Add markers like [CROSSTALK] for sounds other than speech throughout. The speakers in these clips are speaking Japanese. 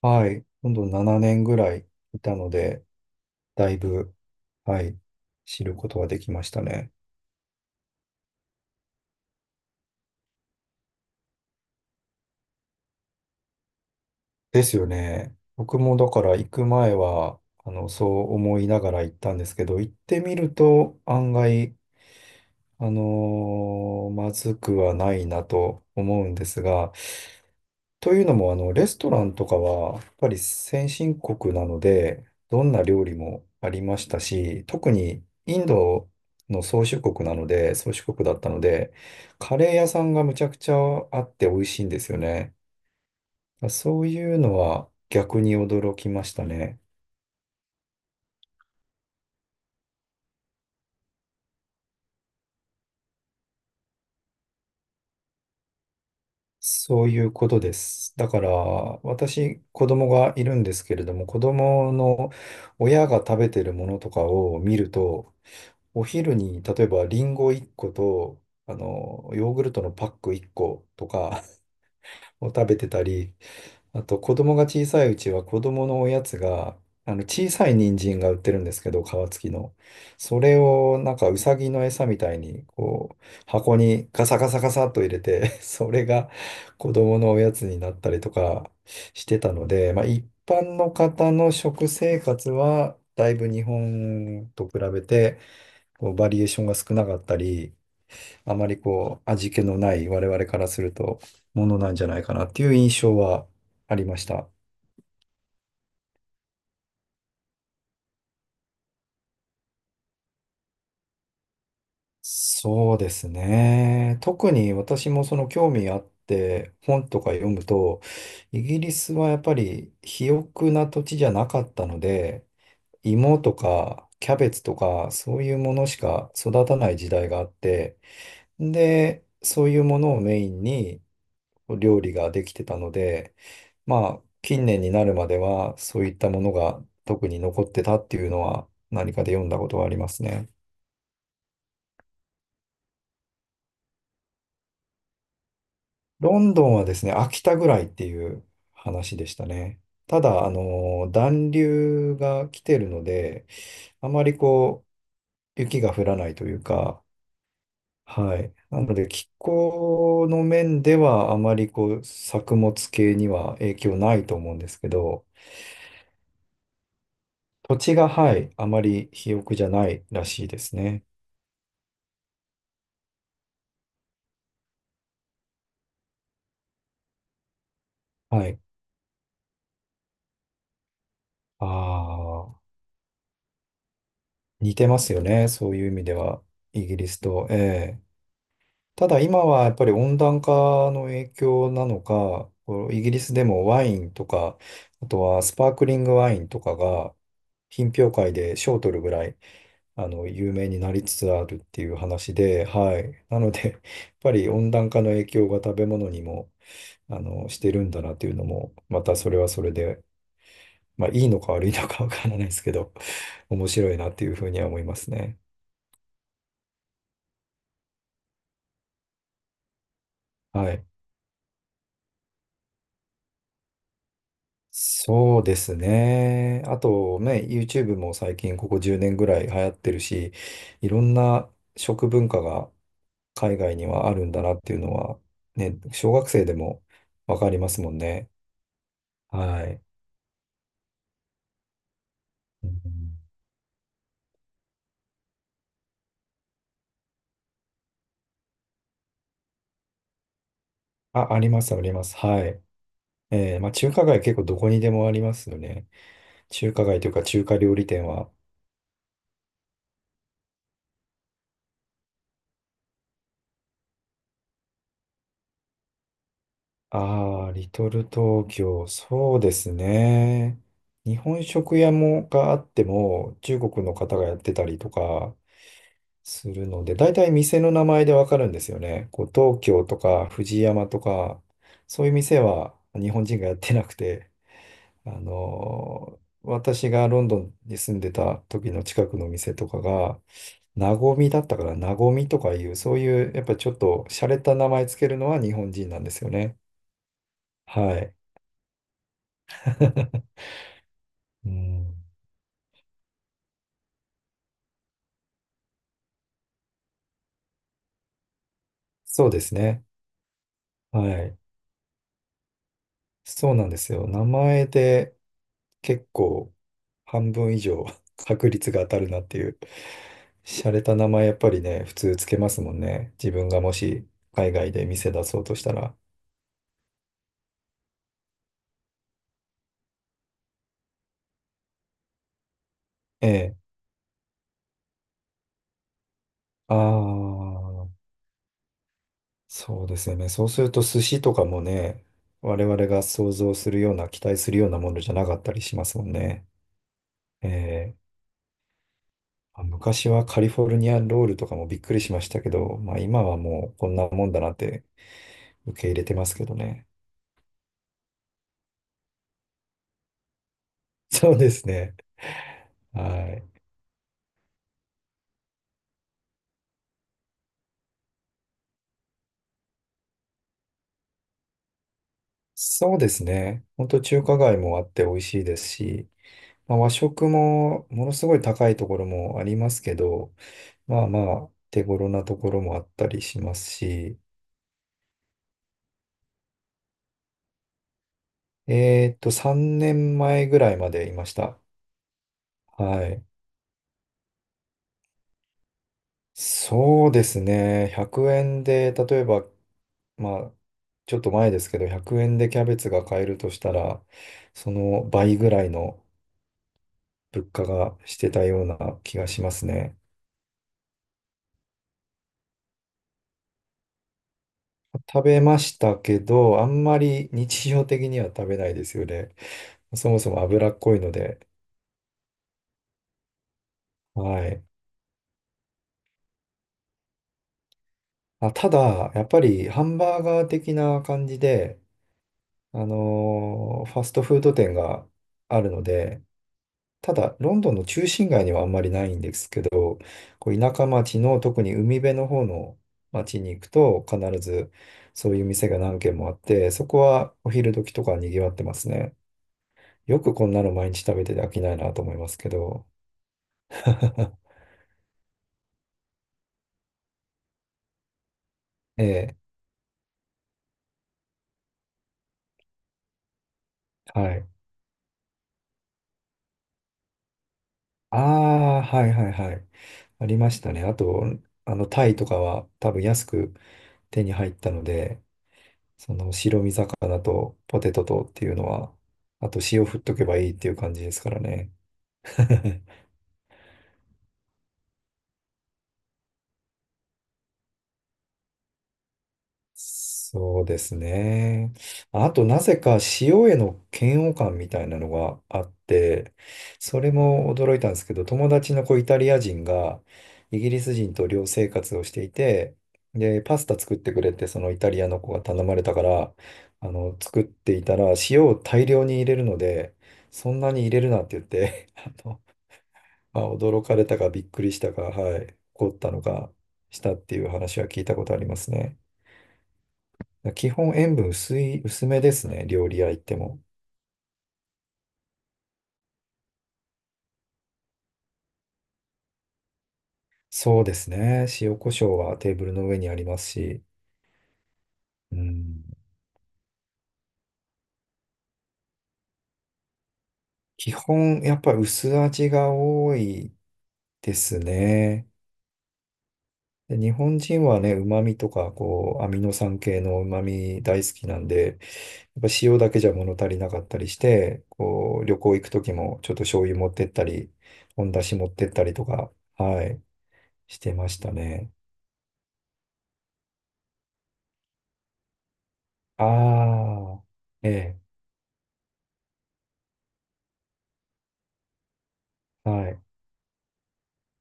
はい。今度7年ぐらいいたので、だいぶ、はい、知ることができましたね。ですよね。僕もだから行く前は、そう思いながら行ったんですけど、行ってみると案外、まずくはないなと思うんですが、というのも、レストランとかは、やっぱり先進国なので、どんな料理もありましたし、特にインドの宗主国だったので、カレー屋さんがむちゃくちゃあって美味しいんですよね。そういうのは逆に驚きましたね。そういうことです。だから、私、子供がいるんですけれども、子供の親が食べてるものとかを見ると、お昼に、例えばリンゴ1個と、ヨーグルトのパック1個とか [LAUGHS] を食べてたり、あと子供が小さいうちは子供のおやつが、小さい人参が売ってるんですけど、皮付きの。それをなんかうさぎの餌みたいに、こう、箱にガサガサガサっと入れて [LAUGHS] それが子供のおやつになったりとかしてたので、まあ一般の方の食生活は、だいぶ日本と比べて、こうバリエーションが少なかったり、あまりこう味気のない我々からするとものなんじゃないかなっていう印象はありました。そうですね。特に私もその興味あって本とか読むと、イギリスはやっぱり肥沃な土地じゃなかったので、芋とかキャベツとかそういうものしか育たない時代があって、で、そういうものをメインに料理ができてたので、まあ、近年になるまでは、そういったものが特に残ってたっていうのは、何かで読んだことはありますね。ロンドンはですね、秋田ぐらいっていう話でしたね。ただ、暖流が来てるので、あまりこう、雪が降らないというか、はい。なので、気候の面では、あまりこう、作物系には影響ないと思うんですけど、土地が、はい、あまり肥沃じゃないらしいですね。はい。ああ、似てますよね。そういう意味では、イギリスと。ええ。ただ今はやっぱり温暖化の影響なのか、こうイギリスでもワインとか、あとはスパークリングワインとかが、品評会で賞を取るぐらい、有名になりつつあるっていう話で、はい。なので、やっぱり温暖化の影響が食べ物にも、してるんだなっていうのも、またそれはそれでまあ、いいのか悪いのかわからないですけど、[LAUGHS] 面白いなっていうふうには思いますね。はい。そうですね。あとね、YouTube も最近ここ10年ぐらい流行ってるし、いろんな食文化が海外にはあるんだなっていうのは、ね、小学生でもわかりますもんね。はい。うん、あ、あります、あります。はい。まあ、中華街結構どこにでもありますよね。中華街というか中華料理店は、ああ、リトル東京、そうですね。日本食屋もがあっても、中国の方がやってたりとかするので、大体店の名前でわかるんですよね。こう東京とか藤山とか、そういう店は日本人がやってなくて、私がロンドンに住んでた時の近くの店とかが、なごみだったから、なごみとかいう、そういう、やっぱちょっと洒落た名前つけるのは日本人なんですよね。はい。うん、そうですね。はい。そうなんですよ。名前で結構半分以上 [LAUGHS] 確率が当たるなっていう。洒落た名前やっぱりね、普通つけますもんね。自分がもし海外で店出そうとしたら。ええ。ああ、そうですよね。そうすると寿司とかもね、我々が想像するような、期待するようなものじゃなかったりしますもんね。ええ。あ、昔はカリフォルニアンロールとかもびっくりしましたけど、まあ今はもうこんなもんだなって受け入れてますけどね。[LAUGHS] そうですね。はい。そうですね。本当中華街もあって美味しいですし、まあ、和食もものすごい高いところもありますけど、まあまあ手頃なところもあったりしますし、3年前ぐらいまでいました。はい。そうですね。100円で、例えばまあ、ちょっと前ですけど、100円でキャベツが買えるとしたら、その倍ぐらいの物価がしてたような気がしますね。食べましたけど、あんまり日常的には食べないですよね。そもそも脂っこいので。はい。あ、ただ、やっぱりハンバーガー的な感じで、ファストフード店があるので、ただ、ロンドンの中心街にはあんまりないんですけど、こう田舎町の特に海辺の方の町に行くと、必ずそういう店が何軒もあって、そこはお昼時とか賑わってますね。よくこんなの毎日食べてて飽きないなと思いますけど。[LAUGHS] ええ、はい。ああ、はいはいはい。ありましたね。あと、タイとかは多分安く手に入ったので、その白身魚とポテトとっていうのは、あと塩振っとけばいいっていう感じですからね。[LAUGHS] そうですね。あと、なぜか塩への嫌悪感みたいなのがあって、それも驚いたんですけど、友達の子イタリア人がイギリス人と寮生活をしていて、で、パスタ作ってくれって、そのイタリアの子が頼まれたから、作っていたら、塩を大量に入れるので、そんなに入れるなって言って、[LAUGHS] あ、まあ、驚かれたかびっくりしたか、はい、怒ったのかしたっていう話は聞いたことありますね。基本塩分薄い、薄めですね、料理屋行っても。そうですね、塩コショウはテーブルの上にありますし、うん、基本やっぱ薄味が多いですね。で日本人はね、旨味とかこうアミノ酸系の旨味大好きなんで、やっぱ塩だけじゃ物足りなかったりして、こう、旅行行く時もちょっと醤油持ってったり、本だし持ってったりとか、はい、してましたね。ああ、ええ、はい。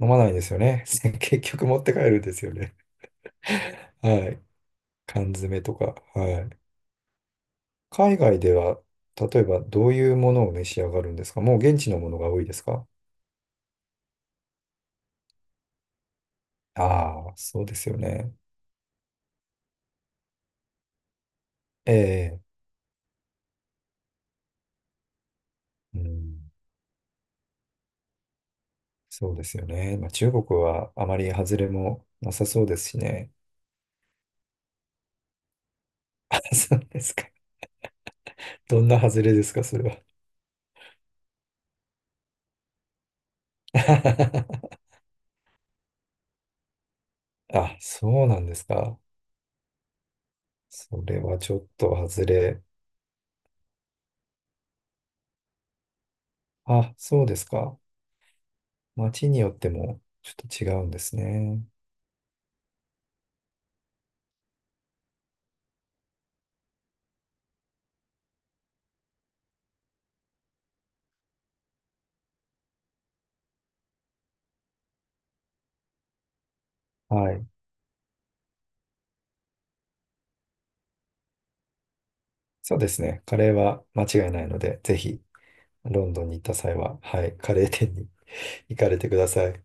飲まないですよね。[LAUGHS] 結局持って帰るんですよね。[LAUGHS] はい。缶詰とか、はい。海外では、例えばどういうものを召し上がるんですか、もう現地のものが多いですか。ああー、そうですよね。ええ、うん。そうですよね。まあ、中国はあまり外れもなさそうですしね。[LAUGHS] そうですか。どんな外れですか、それは。[LAUGHS] あ、そうなんですか。それはちょっと外れ。あ、そうですか。街によってもちょっと違うんですね。はい。そうですね。カレーは間違いないので、ぜひ、ロンドンに行った際は、はい、カレー店に [LAUGHS] 行かれてください。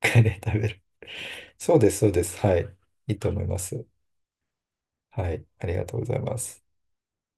カレー食べる。そうです、そうです。はい。いいと思います。はい。ありがとうございます。